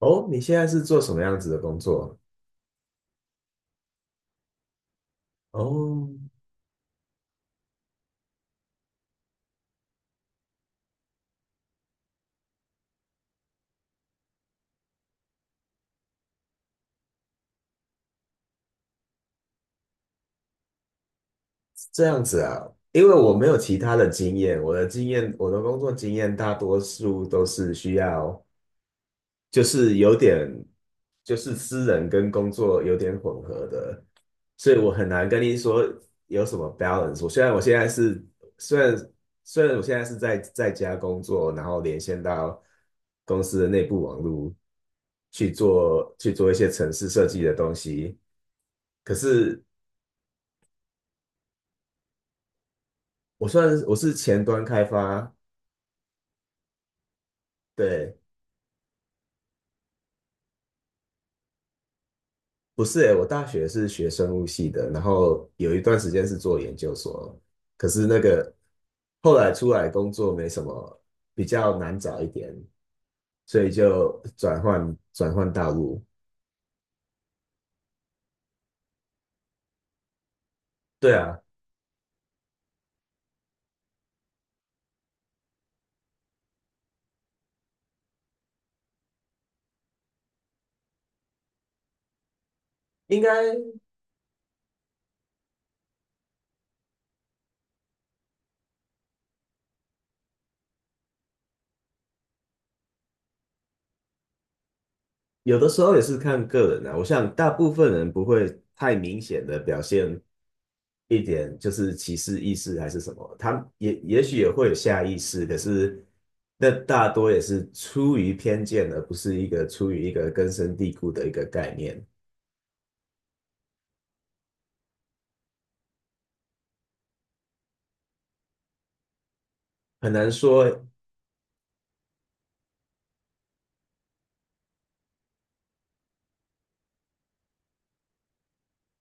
哦，你现在是做什么样子的工作？哦，这样子啊，因为我没有其他的经验，我的工作经验大多数都是需要就是有点就是私人跟工作有点混合的，所以我很难跟你说有什么 balance。我虽然我现在是虽然虽然我现在是在家工作，然后连线到公司的内部网络去做一些城市设计的东西，可是我是前端开发，对。不是诶，我大学是学生物系的，然后有一段时间是做研究所，可是那个后来出来工作没什么，比较难找一点，所以就转换道路。对啊，应该有的时候也是看个人啊，我想大部分人不会太明显的表现一点就是歧视意识还是什么，他也许也会有下意识，可是那大多也是出于偏见，而不是一个出于一个根深蒂固的一个概念，很难说。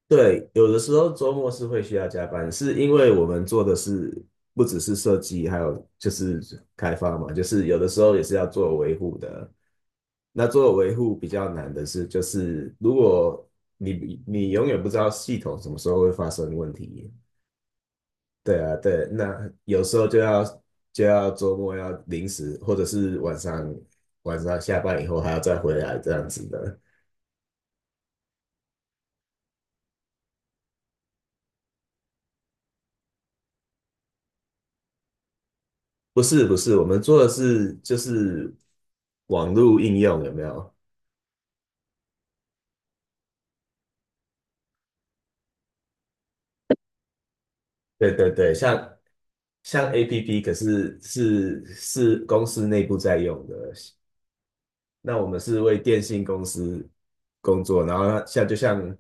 对，有的时候周末是会需要加班，是因为我们做的是不只是设计，还有就是开发嘛，就是有的时候也是要做维护的。那做维护比较难的是，就是如果你永远不知道系统什么时候会发生问题，对啊，对，那有时候就要周末要临时，或者是晚上下班以后还要再回来这样子的。不是不是，我们做的是就是网络应用有没有？对对对，像 APP，可是是公司内部在用的，那我们是为电信公司工作，然后像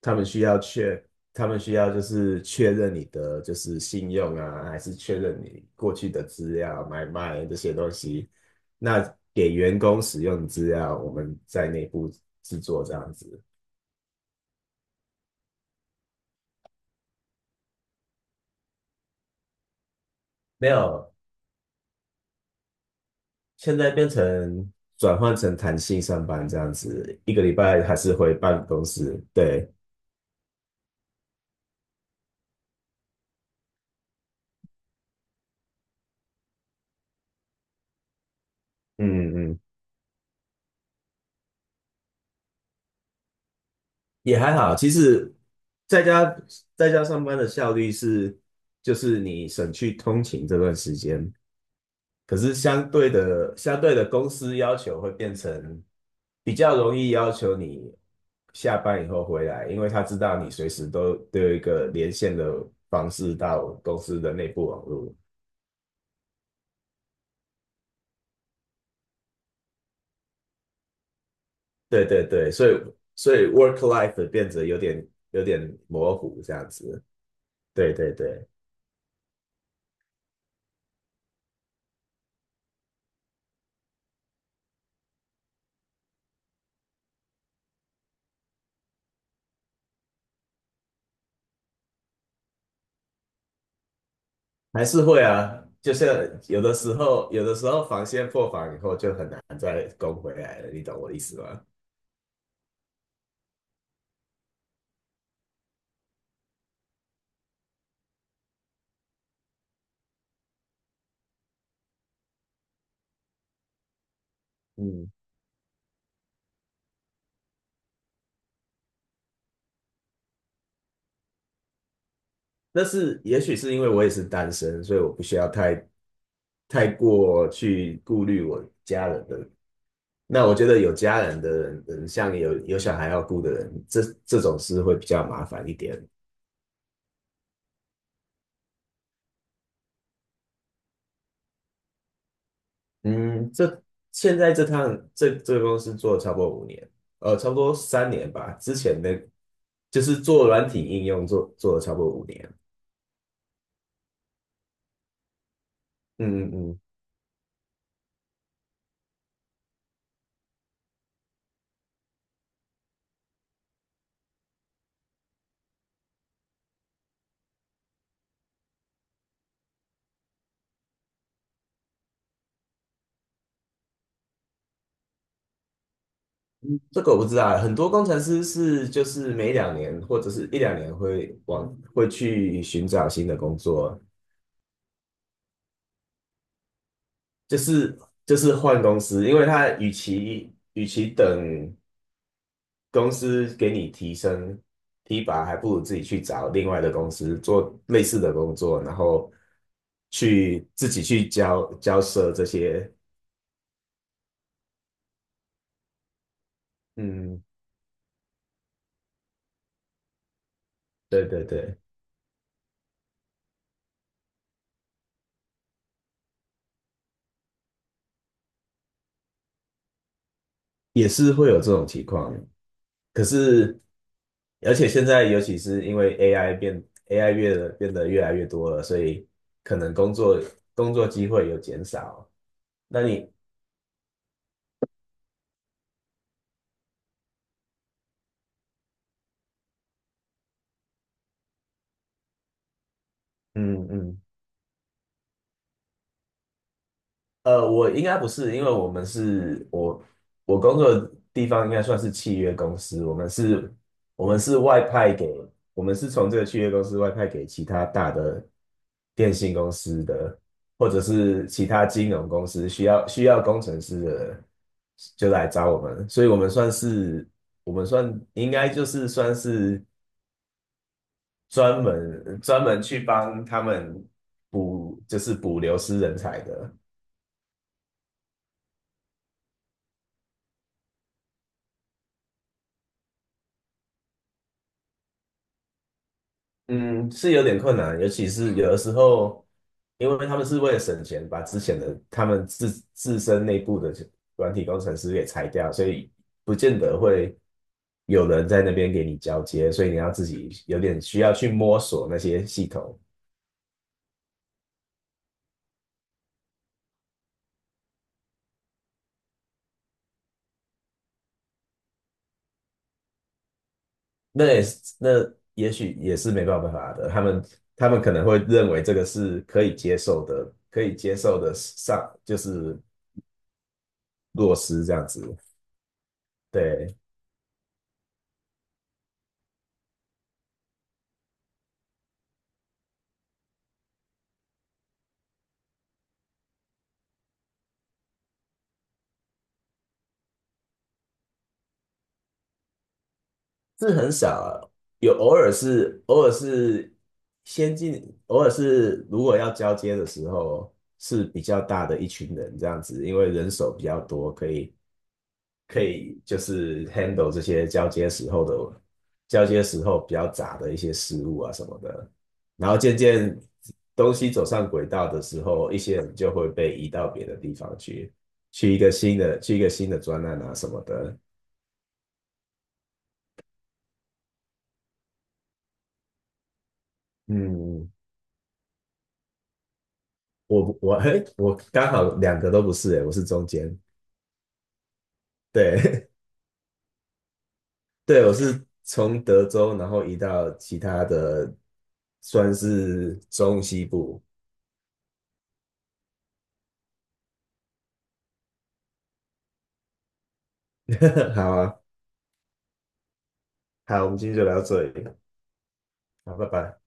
他们需要确，他们需要就是确认你的就是信用啊，还是确认你过去的资料、买卖这些东西。那给员工使用的资料，我们在内部制作这样子。没有，现在转换成弹性上班这样子，一个礼拜还是回办公室。对，嗯嗯。也还好，其实在家在家上班的效率是，就是你省去通勤这段时间，可是相对的公司要求会变成比较容易要求你下班以后回来，因为他知道你随时都有一个连线的方式到公司的内部网络。对对对，所以 work life 变得有点模糊这样子。对对对。还是会啊，就是有的时候，防线破防以后就很难再攻回来了，你懂我的意思吗？嗯但是也许是因为我也是单身，所以我不需要太过去顾虑我家人的。那我觉得有家人的人像有小孩要顾的人，这种事会比较麻烦一点。嗯，这现在这趟这这个公司做了差不多五年，差不多3年吧。之前的就是做软体应用做了差不多五年。嗯嗯，嗯，这个我不知道欸很多工程师是就是每两年或者是一两年会去寻找新的工作，就是就是换公司，因为他与其等公司给你提拔，还不如自己去找另外的公司做类似的工作，然后自己去交涉这些，嗯，对对对，也是会有这种情况，可是。而且现在尤其是因为 AI AI 变得越来越多了，所以可能工作机会有减少。那你嗯嗯，我应该不是，因为我们是我我工作的地方应该算是契约公司，我们是外派给，我们是从这个契约公司外派给其他大的电信公司的，或者是其他金融公司需要工程师的，就来找我们，所以我们算是我们算应该就是算是专门去帮他们补，就是补流失人才的。嗯，是有点困难，尤其是有的时候，因为他们是为了省钱，把之前的他们自身内部的软体工程师给裁掉，所以不见得会有人在那边给你交接，所以你要自己有点需要去摸索那些系统，那也许也是没办法的，他们可能会认为这个是可以接受的，上就是落实这样子，对。是很少啊，有偶尔是偶尔是先进，偶尔是如果要交接的时候是比较大的一群人这样子，因为人手比较多，可以就是 handle 这些交接时候比较杂的一些事物啊什么的，然后渐渐东西走上轨道的时候，一些人就会被移到别的地方去，去一个新的专案啊什么的，嗯。我刚好两个都不是诶，我是中间，对 对，我是从德州然后移到其他的，算是中西部。好啊，好，我们今天就聊到这里，好，拜拜。